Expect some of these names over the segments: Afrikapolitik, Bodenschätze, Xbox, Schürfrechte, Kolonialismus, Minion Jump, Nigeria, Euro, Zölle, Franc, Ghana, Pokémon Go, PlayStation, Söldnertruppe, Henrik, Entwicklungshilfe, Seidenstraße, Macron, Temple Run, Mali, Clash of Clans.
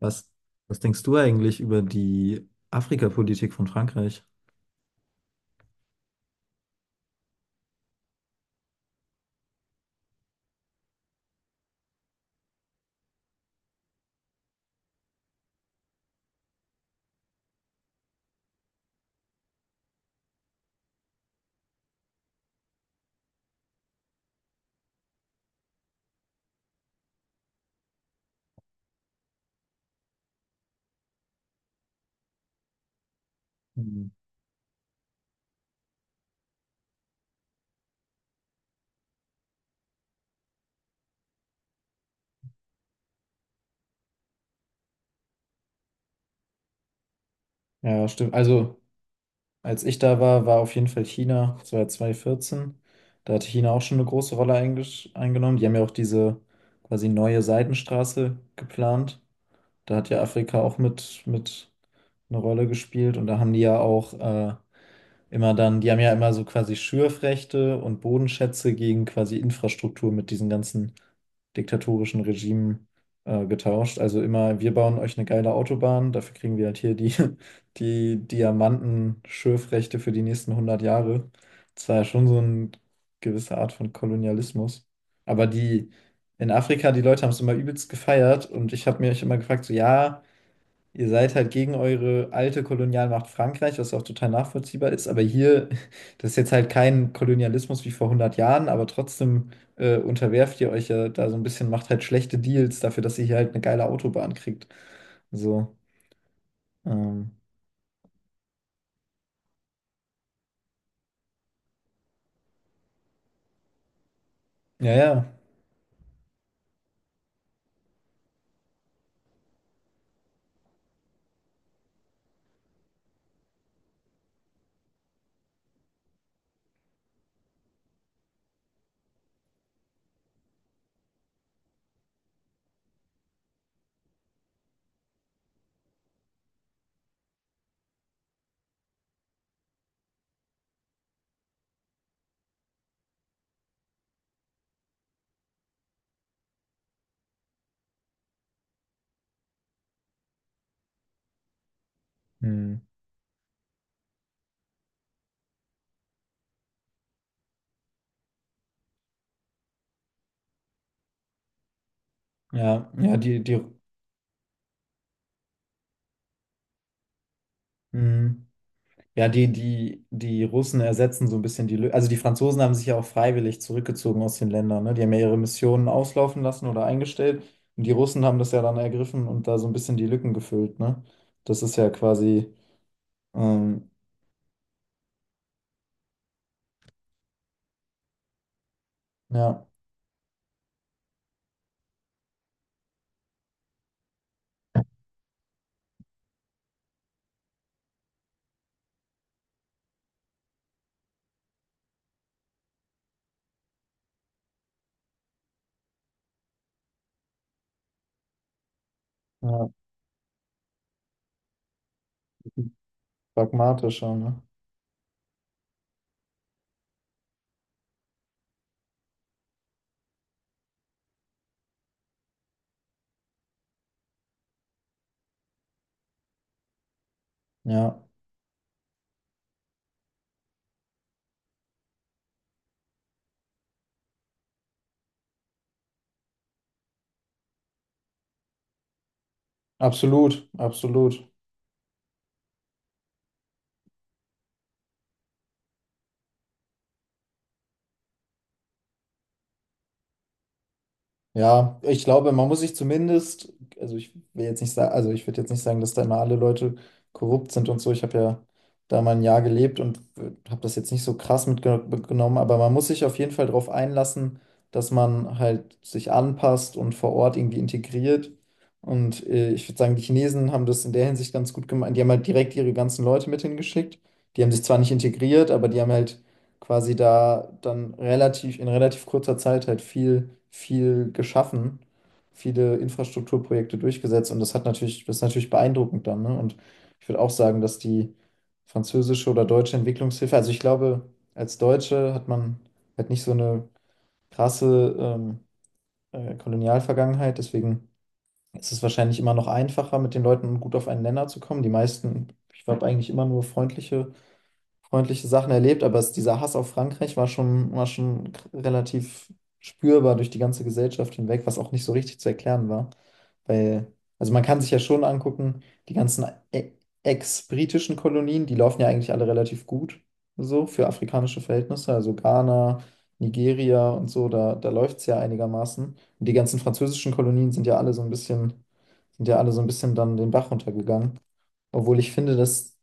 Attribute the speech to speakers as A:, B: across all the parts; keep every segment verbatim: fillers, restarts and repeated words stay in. A: Was, was denkst du eigentlich über die Afrikapolitik von Frankreich? Mhm. Ja, stimmt. Also, als ich da war, war auf jeden Fall China, das war zwanzig vierzehn. Da hat China auch schon eine große Rolle eingesch- eingenommen. Die haben ja auch diese quasi neue Seidenstraße geplant. Da hat ja Afrika auch mit, mit eine Rolle gespielt. Und da haben die ja auch äh, immer dann, die haben ja immer so quasi Schürfrechte und Bodenschätze gegen quasi Infrastruktur mit diesen ganzen diktatorischen Regimen äh, getauscht. Also immer, wir bauen euch eine geile Autobahn, dafür kriegen wir halt hier die, die Diamanten-Schürfrechte für die nächsten hundert Jahre. Das war ja schon so eine gewisse Art von Kolonialismus. Aber die in Afrika, die Leute haben es immer übelst gefeiert und ich habe mich immer gefragt, so ja, ihr seid halt gegen eure alte Kolonialmacht Frankreich, was auch total nachvollziehbar ist, aber hier, das ist jetzt halt kein Kolonialismus wie vor hundert Jahren, aber trotzdem äh, unterwerft ihr euch ja da so ein bisschen, macht halt schlechte Deals dafür, dass ihr hier halt eine geile Autobahn kriegt. So, ähm, ja, ja, hm, ja, ja, die, die, hm. Ja, die, die, die Russen ersetzen so ein bisschen die Lücke. Also die Franzosen haben sich ja auch freiwillig zurückgezogen aus den Ländern, ne? Die haben ja ihre Missionen auslaufen lassen oder eingestellt. Und die Russen haben das ja dann ergriffen und da so ein bisschen die Lücken gefüllt, ne? Das ist ja quasi, ähm, ja, ja, pragmatischer, ne? Ja, absolut, absolut. Ja, ich glaube, man muss sich zumindest, also ich will jetzt nicht sagen, also ich würde jetzt nicht sagen, dass da immer alle Leute korrupt sind und so. Ich habe ja da mal ein Jahr gelebt und habe das jetzt nicht so krass mitgenommen, aber man muss sich auf jeden Fall darauf einlassen, dass man halt sich anpasst und vor Ort irgendwie integriert. Und äh, ich würde sagen, die Chinesen haben das in der Hinsicht ganz gut gemacht. Die haben halt direkt ihre ganzen Leute mit hingeschickt. Die haben sich zwar nicht integriert, aber die haben halt quasi da dann relativ in relativ kurzer Zeit halt viel, viel geschaffen, viele Infrastrukturprojekte durchgesetzt und das hat natürlich, das ist natürlich beeindruckend dann, ne? Und ich würde auch sagen, dass die französische oder deutsche Entwicklungshilfe, also ich glaube, als Deutsche hat man halt nicht so eine krasse ähm, äh, Kolonialvergangenheit, deswegen ist es wahrscheinlich immer noch einfacher, mit den Leuten gut auf einen Nenner zu kommen. Die meisten, ich habe eigentlich immer nur freundliche freundliche Sachen erlebt, aber es, dieser Hass auf Frankreich war schon, war schon k- relativ spürbar durch die ganze Gesellschaft hinweg, was auch nicht so richtig zu erklären war. Weil, also man kann sich ja schon angucken, die ganzen e- ex-britischen Kolonien, die laufen ja eigentlich alle relativ gut, so für afrikanische Verhältnisse, also Ghana, Nigeria und so, da, da läuft es ja einigermaßen. Und die ganzen französischen Kolonien sind ja alle so ein bisschen, sind ja alle so ein bisschen dann den Bach runtergegangen. Obwohl ich finde, dass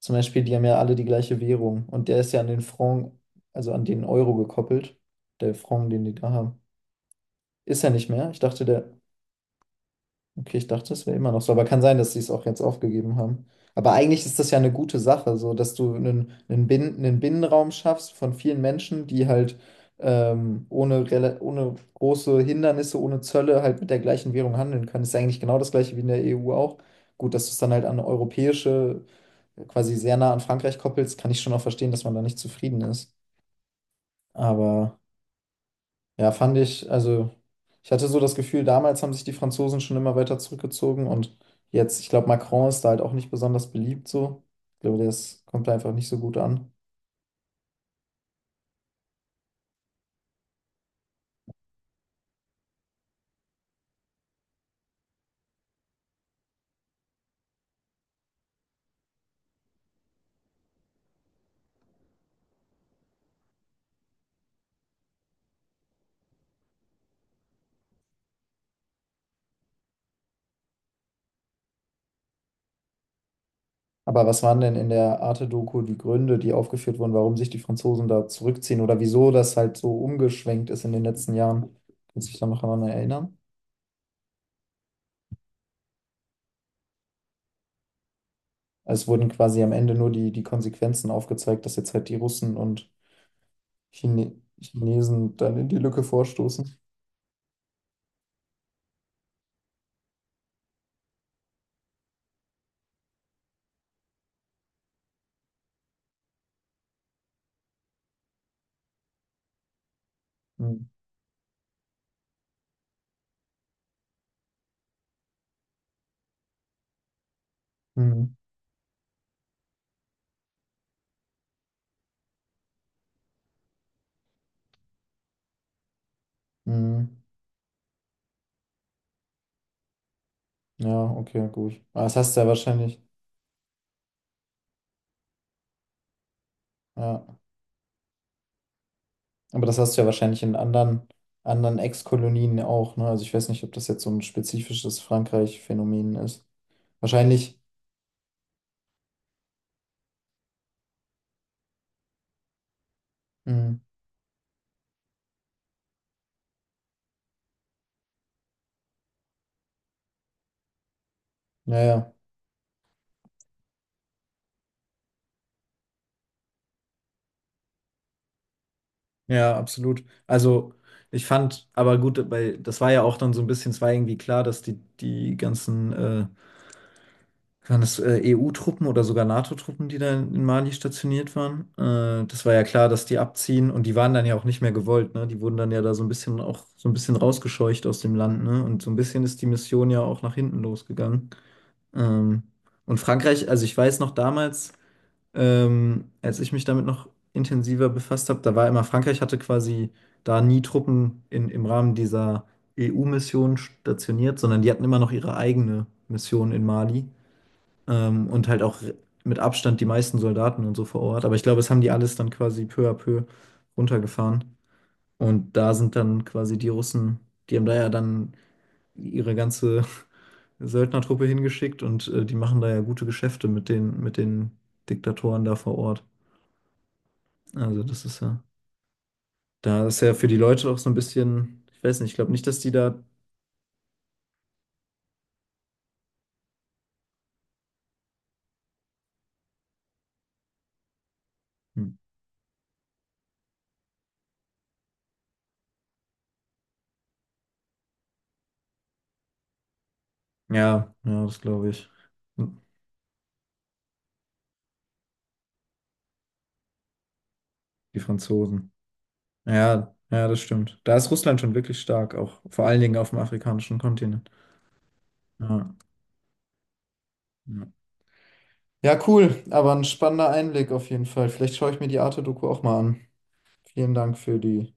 A: zum Beispiel, die haben ja alle die gleiche Währung und der ist ja an den Franc, also an den Euro gekoppelt. Der Franc, den die da haben. Ist er nicht mehr? Ich dachte, der. Okay, ich dachte, das wäre immer noch so, aber kann sein, dass sie es auch jetzt aufgegeben haben. Aber eigentlich ist das ja eine gute Sache, so dass du einen, einen, Bin einen Binnenraum schaffst von vielen Menschen, die halt ähm, ohne, rela- ohne große Hindernisse, ohne Zölle halt mit der gleichen Währung handeln können. Ist ja eigentlich genau das gleiche wie in der E U auch. Gut, dass du es dann halt an eine europäische, quasi sehr nah an Frankreich koppelst, kann ich schon auch verstehen, dass man da nicht zufrieden ist. Aber. Ja, fand ich, also ich hatte so das Gefühl, damals haben sich die Franzosen schon immer weiter zurückgezogen und jetzt, ich glaube, Macron ist da halt auch nicht besonders beliebt so. Ich glaube, das kommt da einfach nicht so gut an. Aber was waren denn in der Arte-Doku die Gründe, die aufgeführt wurden, warum sich die Franzosen da zurückziehen oder wieso das halt so umgeschwenkt ist in den letzten Jahren? Kannst du dich da noch daran erinnern? Also es wurden quasi am Ende nur die, die Konsequenzen aufgezeigt, dass jetzt halt die Russen und Chine Chinesen dann in die Lücke vorstoßen. Hm, hm, hm. Ja, okay, gut. Aber das hast du ja wahrscheinlich, ja. Aber das hast du ja wahrscheinlich in anderen, anderen Ex-Kolonien auch, ne? Also ich weiß nicht, ob das jetzt so ein spezifisches Frankreich-Phänomen ist. Wahrscheinlich, mh, ja, ja. Ja, absolut. Also ich fand, aber gut, weil das war ja auch dann so ein bisschen, es war irgendwie klar, dass die, die ganzen äh, Waren das äh, E U-Truppen oder sogar NATO-Truppen, die da in Mali stationiert waren? Äh, das war ja klar, dass die abziehen und die waren dann ja auch nicht mehr gewollt, ne? Die wurden dann ja da so ein bisschen auch so ein bisschen rausgescheucht aus dem Land, ne? Und so ein bisschen ist die Mission ja auch nach hinten losgegangen. Ähm, und Frankreich, also ich weiß noch damals, ähm, als ich mich damit noch intensiver befasst habe, da war immer, Frankreich hatte quasi da nie Truppen in, im Rahmen dieser E U-Mission stationiert, sondern die hatten immer noch ihre eigene Mission in Mali, ähm, und halt auch mit Abstand die meisten Soldaten und so vor Ort. Aber ich glaube, das haben die alles dann quasi peu à peu runtergefahren. Und da sind dann quasi die Russen, die haben da ja dann ihre ganze Söldnertruppe hingeschickt und äh, die machen da ja gute Geschäfte mit den, mit den Diktatoren da vor Ort. Also das ist ja, da ist ja für die Leute auch so ein bisschen, ich weiß nicht, ich glaube nicht, dass die da, hm, ja, ja, das glaube ich, hm, die Franzosen. Ja, ja, das stimmt. Da ist Russland schon wirklich stark, auch vor allen Dingen auf dem afrikanischen Kontinent. Ja, ja. Ja, cool, aber ein spannender Einblick auf jeden Fall. Vielleicht schaue ich mir die Arte-Doku auch mal an. Vielen Dank für die.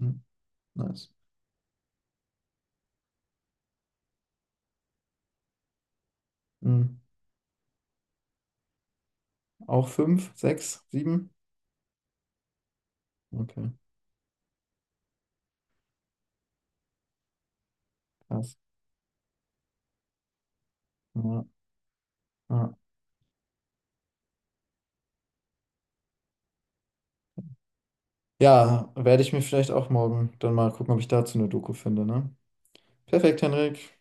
A: Hm, nice. Hm. Auch fünf, sechs, sieben? Okay, krass. Ja, ja. Ja, werde ich mir vielleicht auch morgen dann mal gucken, ob ich dazu eine Doku finde, ne? Perfekt, Henrik.